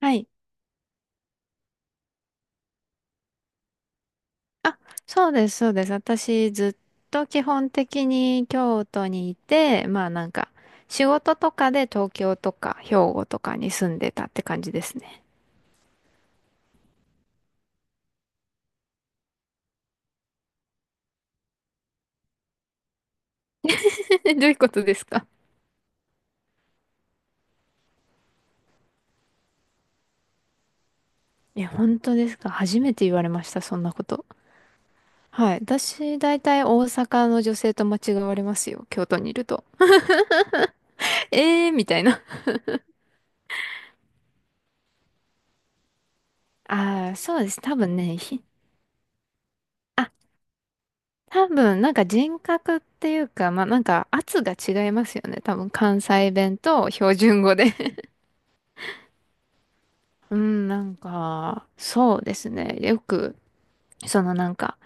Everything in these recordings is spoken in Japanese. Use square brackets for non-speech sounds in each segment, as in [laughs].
はい。あ、そうです、そうです。私、ずっと基本的に京都にいて、まあなんか、仕事とかで東京とか兵庫とかに住んでたって感じですね。[laughs] どういうことですか？いや、本当ですか？初めて言われました、そんなこと。はい。私、大体大阪の女性と間違われますよ、京都にいると。[laughs] えーみたいな。ああ、そうです。多分ね、多分、なんか人格っていうか、まあなんか圧が違いますよね。多分関西弁と標準語で。 [laughs] うん、なんか、そうですね。よく、そのなんか、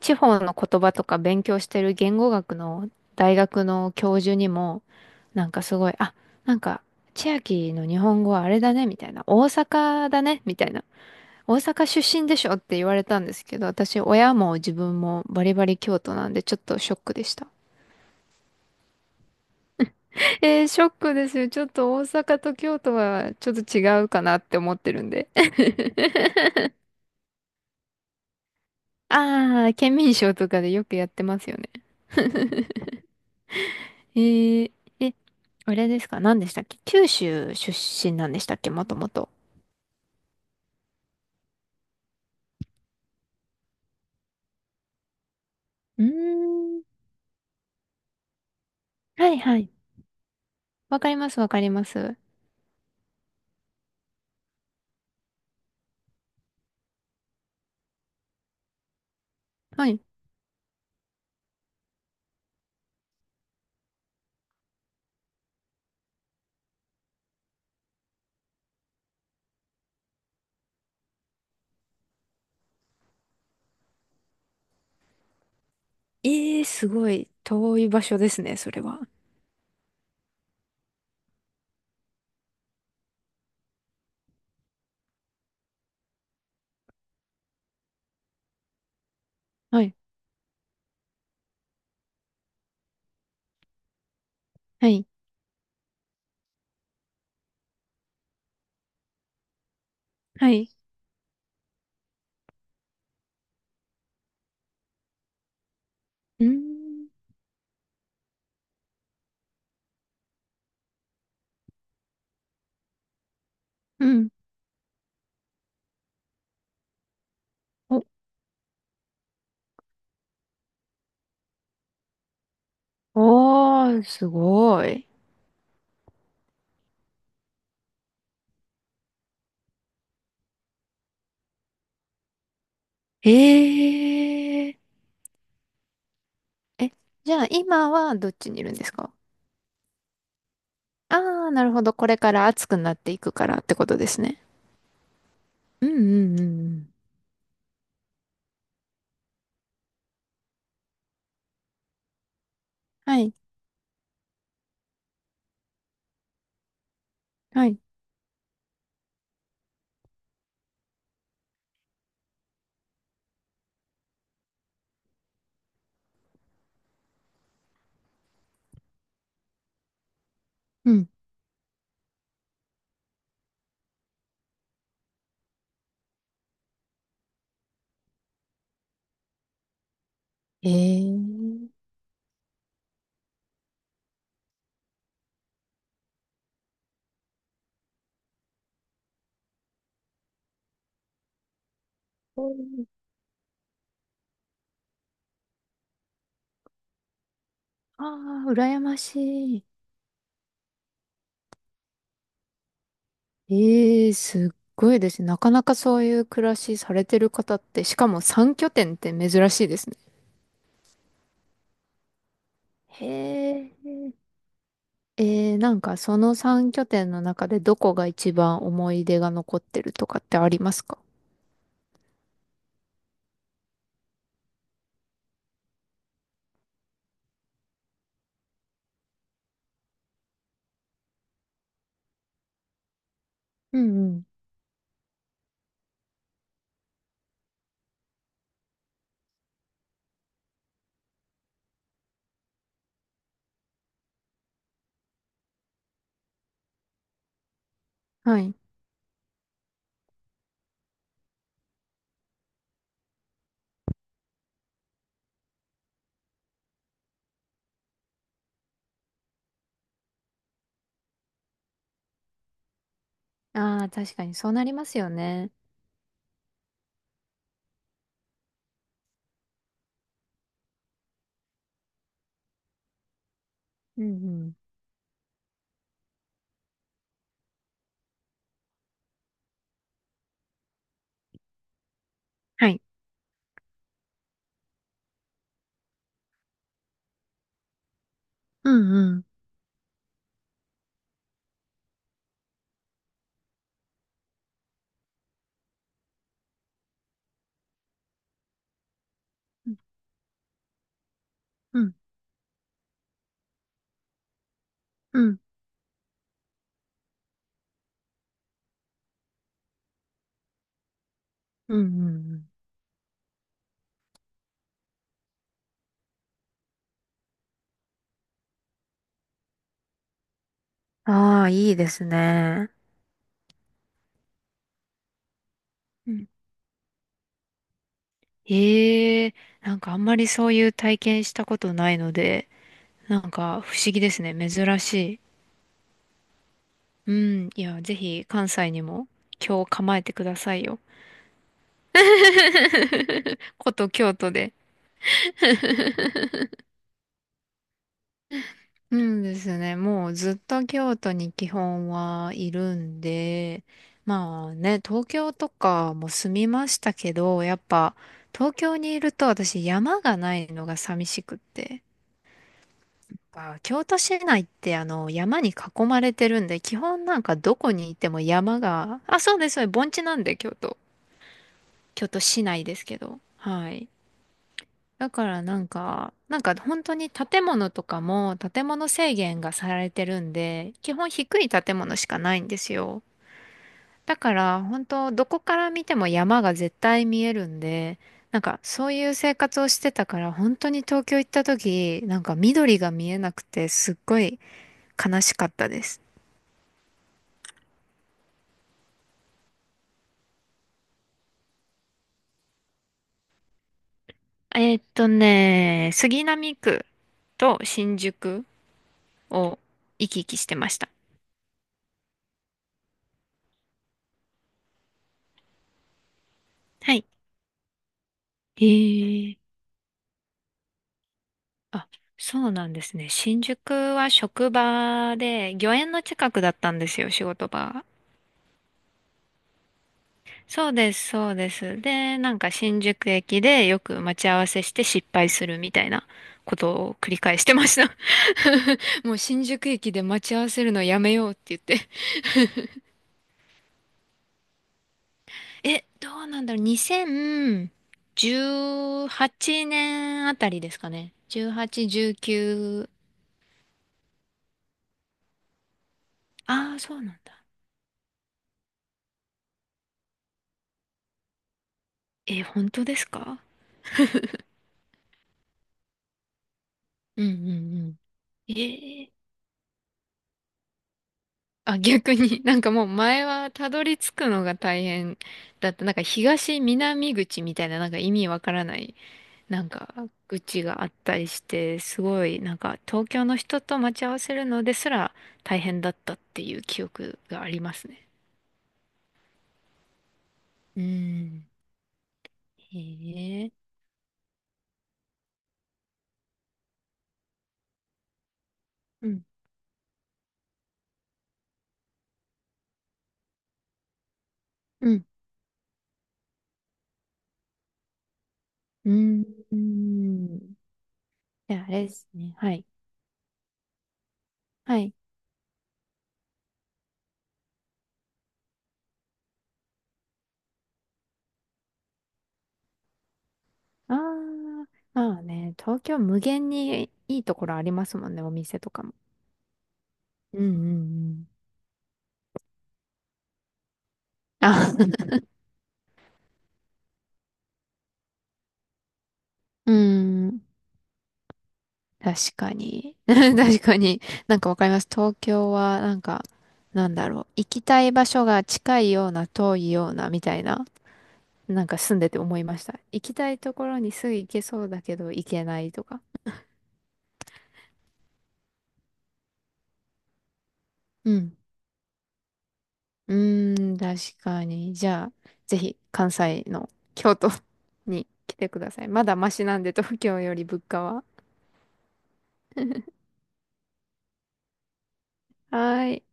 地方の言葉とか勉強してる言語学の大学の教授にも、なんかすごい、あ、なんか、千秋の日本語はあれだね、みたいな。大阪だね、みたいな。大阪出身でしょって言われたんですけど、私、親も自分もバリバリ京都なんで、ちょっとショックでした。えーショックですよ。ちょっと大阪と京都はちょっと違うかなって思ってるんで。[laughs] ああ、県民賞とかでよくやってますよね。[laughs] えー、え、あれですか？何でしたっけ？九州出身なんでしたっけ、もともと。うーん。はいはい。わかりますわかります。はい。えー、すごい遠い場所ですね、それは。はい。はい。はい。うーん。うん。お、おー、すごい。えー。え、じゃあ今はどっちにいるんですか？ああー、なるほど。これから暑くなっていくからってことですね。うんうんうんうん。はい、はい。うん。えー。ああ、羨ましい。ええー、すっごいですね。なかなかそういう暮らしされてる方って、しかも3拠点って珍しいですね。へえ。えー、なんかその3拠点の中でどこが一番思い出が残ってるとかってありますか？うんうん。はい。ああ、確かにそうなりますよね。うんうん。はい。うんうん。うん、うん、うんうんうん。ああ、いいですね。うん。ええ、なんかあんまりそういう体験したことないので、なんか不思議ですね。珍しい。うん。いや、ぜひ関西にも今日構えてくださいよ。古都京都で。うんですね。もうずっと京都に基本はいるんで、まあね、東京とかも住みましたけど、やっぱ東京にいると私山がないのが寂しくって。あ、京都市内ってあの山に囲まれてるんで、基本なんかどこにいても山が、あ、そうです、そうです、盆地なんで京都。京都市内ですけど。はい。だからなんか、なんか本当に建物とかも建物制限がされてるんで、基本低い建物しかないんですよ。だから本当どこから見ても山が絶対見えるんで、なんかそういう生活をしてたから本当に東京行った時、なんか緑が見えなくてすっごい悲しかったです。杉並区と新宿を行き来してました。はい。へえ。あ、そうなんですね。新宿は職場で、御苑の近くだったんですよ、仕事場が。そうです、そうです。で、なんか新宿駅でよく待ち合わせして失敗するみたいなことを繰り返してました。[laughs] もう新宿駅で待ち合わせるのやめようって言って。[laughs] え、どうなんだろう。2018年あたりですかね。18、19。ああ、そうなんだ。え、本当ですか？うんうんうん。え逆に、[laughs] なんかもう前はたどり着くのが大変だった。なんか東南口みたいななんか意味わからない、なんか口があったりして、すごいなんか東京の人と待ち合わせるのですら大変だったっていう記憶がありますね。うん。へえ。うん。うん。うん。うん。じゃあ、あれですね。はい。はい。ああ、まあね、東京無限にいいところありますもんね、お店とかも。うんうんうん。あ、[laughs] うん。確かに。[laughs] 確かに。なんかわかります。東京は、なんか、なんだろう。行きたい場所が近いような、遠いような、みたいな。なんか住んでて思いました。行きたいところにすぐ行けそうだけど、行けないとか。うん。うーん、確かに。じゃあ、ぜひ、関西の京都 [laughs] に来てください。まだマシなんで、東京より物価は。[laughs] はーい。